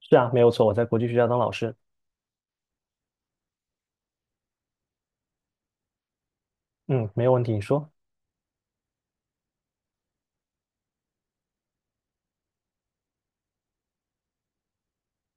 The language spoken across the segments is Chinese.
是啊，没有错，我在国际学校当老师。嗯，没有问题，你说。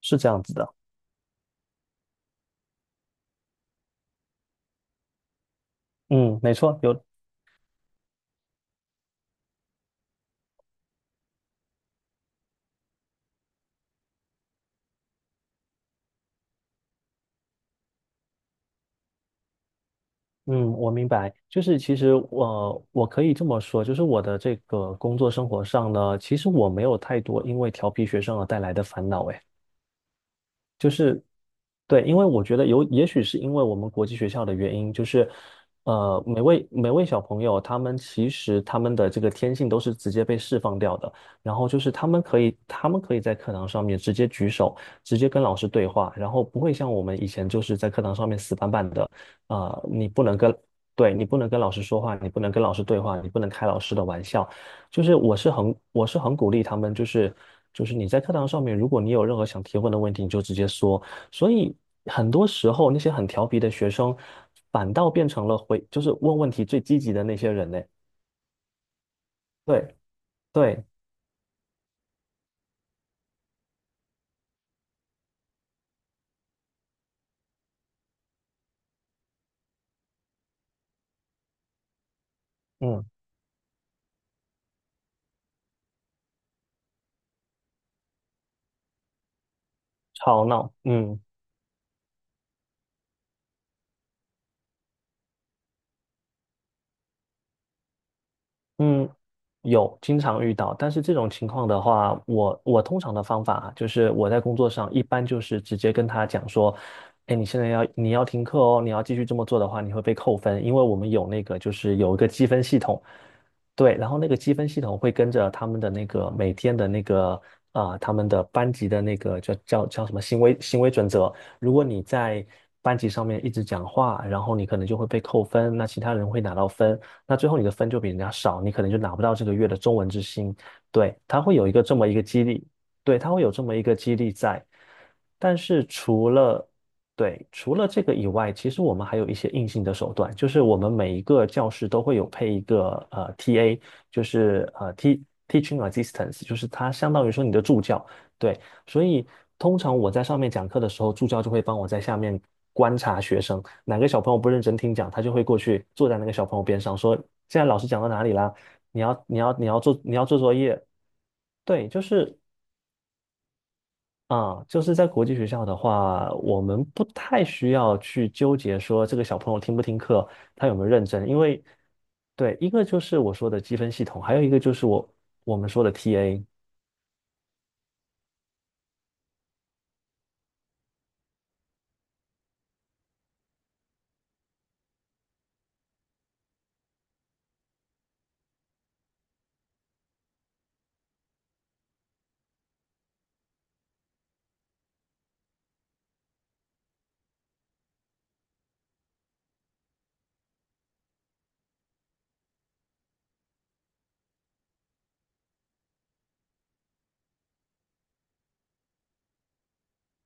是这样子的。嗯，没错，有。嗯，我明白。就是其实我可以这么说，就是我的这个工作生活上呢，其实我没有太多因为调皮学生而带来的烦恼。诶。对，因为我觉得有，也许是因为我们国际学校的原因，就是，每位小朋友，他们其实他们的这个天性都是直接被释放掉的，然后就是他们可以在课堂上面直接举手，直接跟老师对话，然后不会像我们以前就是在课堂上面死板板的。你不能跟。对，你不能跟老师说话，你不能跟老师对话，你不能开老师的玩笑，就是我是很鼓励他们，就是你在课堂上面，如果你有任何想提问的问题，你就直接说。所以很多时候那些很调皮的学生，反倒变成了回，就是问问题最积极的那些人嘞。对对。嗯，吵闹，嗯。嗯，有经常遇到，但是这种情况的话，我通常的方法啊就是我在工作上一般就是直接跟他讲说，哎，你现在你要停课哦，你要继续这么做的话，你会被扣分，因为我们有那个就是有一个积分系统。对，然后那个积分系统会跟着他们的那个每天的那个，他们的班级的那个叫什么行为准则，如果你在班级上面一直讲话，然后你可能就会被扣分，那其他人会拿到分。那最后你的分就比人家少，你可能就拿不到这个月的中文之星。对，它会有一个这么一个激励，对，它会有这么一个激励在。但是除了，对，除了这个以外，其实我们还有一些硬性的手段，就是我们每一个教室都会有配一个TA，就是teaching assistance，就是它相当于说你的助教。对，所以通常我在上面讲课的时候，助教就会帮我在下面观察学生，哪个小朋友不认真听讲，他就会过去坐在那个小朋友边上说：“现在老师讲到哪里啦？你要做作业。”对，就是在国际学校的话，我们不太需要去纠结说这个小朋友听不听课，他有没有认真。因为对，一个就是我说的积分系统，还有一个就是我们说的 TA。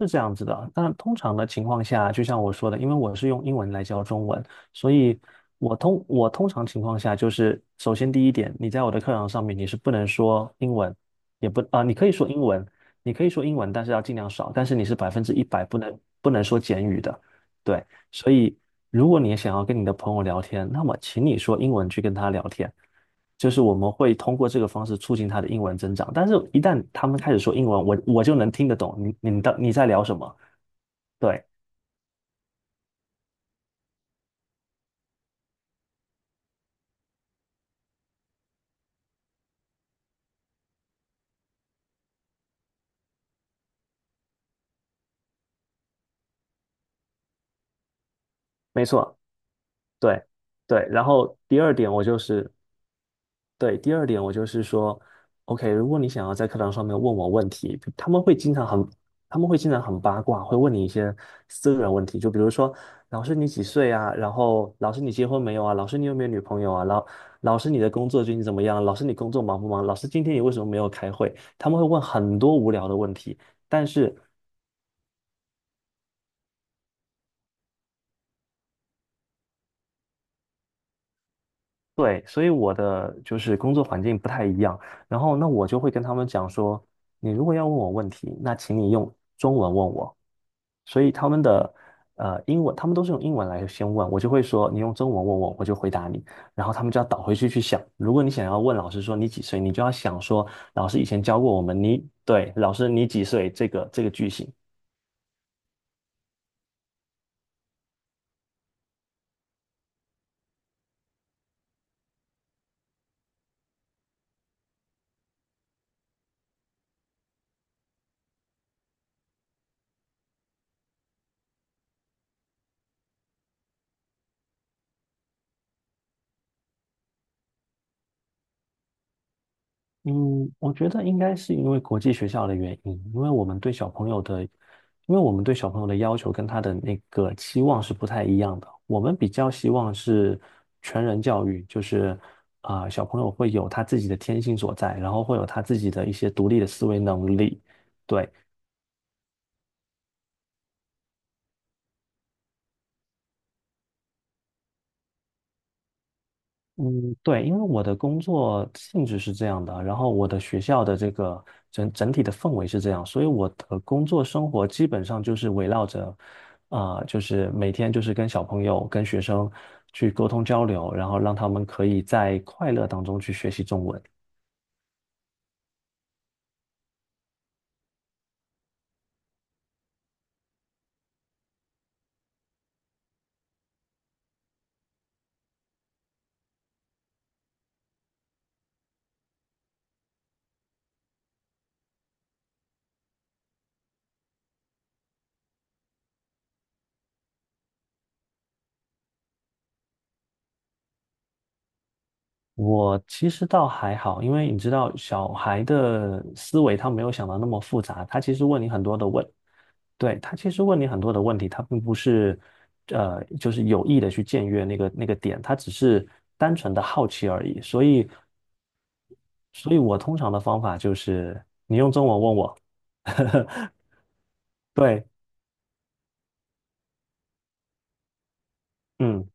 是这样子的，但通常的情况下，就像我说的，因为我是用英文来教中文，所以我通常情况下就是，首先第一点，你在我的课堂上面你是不能说英文，也不你可以说英文，但是要尽量少，但是你是100%不能说简语的。对，所以如果你想要跟你的朋友聊天，那么请你说英文去跟他聊天，就是我们会通过这个方式促进他的英文增长。但是，一旦他们开始说英文，我就能听得懂你在聊什么。对，没错，对对。然后第二点，我就是。对，第二点我就是说，OK，如果你想要在课堂上面问我问题，他们会经常很八卦，会问你一些私人问题，就比如说，老师你几岁啊？然后老师你结婚没有啊？老师你有没有女朋友啊？老师你的工作最近怎么样？老师你工作忙不忙？老师今天你为什么没有开会？他们会问很多无聊的问题。但是对，所以我的就是工作环境不太一样，然后那我就会跟他们讲说，你如果要问我问题，那请你用中文问我。所以他们的英文，他们都是用英文来先问，我就会说你用中文问我，我就回答你，然后他们就要倒回去想。如果你想要问老师说你几岁，你就要想说老师以前教过我们，你对老师你几岁这个句型。嗯，我觉得应该是因为国际学校的原因，因为我们对小朋友的要求跟他的那个期望是不太一样的。我们比较希望是全人教育，就是小朋友会有他自己的天性所在，然后会有他自己的一些独立的思维能力。对。嗯，对，因为我的工作性质是这样的，然后我的学校的这个整体的氛围是这样，所以我的工作生活基本上就是围绕着，就是每天就是跟小朋友、跟学生去沟通交流，然后让他们可以在快乐当中去学习中文。我其实倒还好，因为你知道小孩的思维他没有想到那么复杂，他其实问你很多的问。对，他其实问你很多的问题，他并不是，就是有意的去僭越那个点，他只是单纯的好奇而已。所以我通常的方法就是，你用中文问我。对，嗯。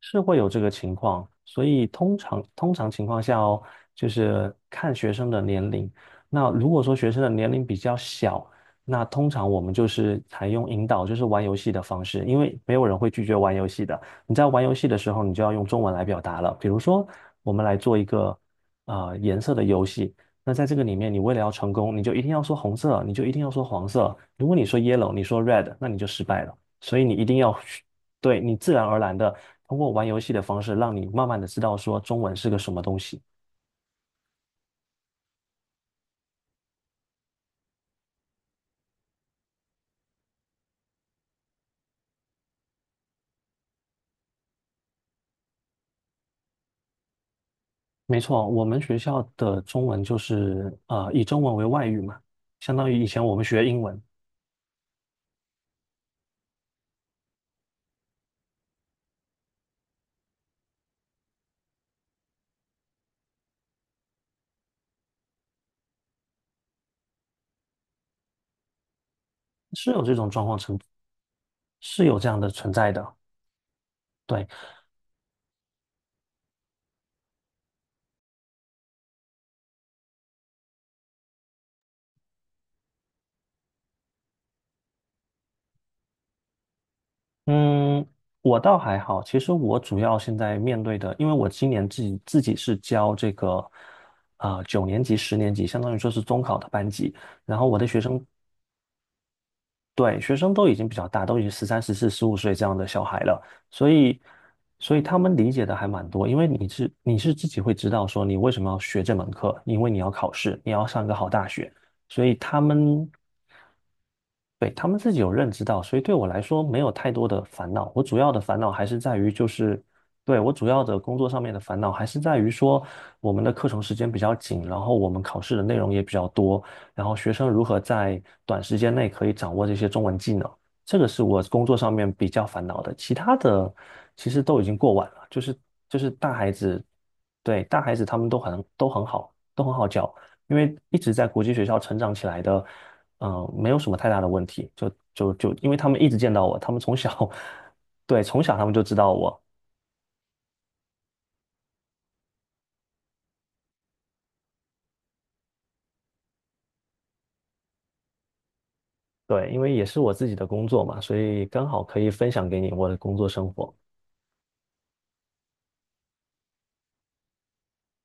是会有这个情况，所以通常情况下哦，就是看学生的年龄。那如果说学生的年龄比较小，那通常我们就是采用引导，就是玩游戏的方式，因为没有人会拒绝玩游戏的。你在玩游戏的时候，你就要用中文来表达了。比如说，我们来做一个颜色的游戏。那在这个里面，你为了要成功，你就一定要说红色，你就一定要说黄色。如果你说 yellow，你说 red，那你就失败了。所以你一定要。对，你自然而然的通过玩游戏的方式，让你慢慢的知道说中文是个什么东西。没错，我们学校的中文就是以中文为外语嘛，相当于以前我们学英文。是有这种状况存，是有这样的存在的。对。嗯，我倒还好，其实我主要现在面对的，因为我今年自己是教这个，九年级、10年级，相当于说是中考的班级，然后我的学生对，学生都已经比较大，都已经13、14、15岁这样的小孩了。所以，所以他们理解的还蛮多，因为你是自己会知道说你为什么要学这门课，因为你要考试，你要上一个好大学，所以他们对，他们自己有认知到，所以对我来说没有太多的烦恼。我主要的烦恼还是在于，就是对，我主要的工作上面的烦恼还是在于说，我们的课程时间比较紧，然后我们考试的内容也比较多，然后学生如何在短时间内可以掌握这些中文技能，这个是我工作上面比较烦恼的。其他的其实都已经过完了，就是大孩子。对，大孩子他们都很好，都很好教。因为一直在国际学校成长起来的，没有什么太大的问题，就因为他们一直见到我，他们从小，对，从小他们就知道我。对，因为也是我自己的工作嘛，所以刚好可以分享给你我的工作生活。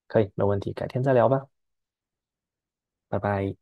可以，没问题，改天再聊吧，拜拜。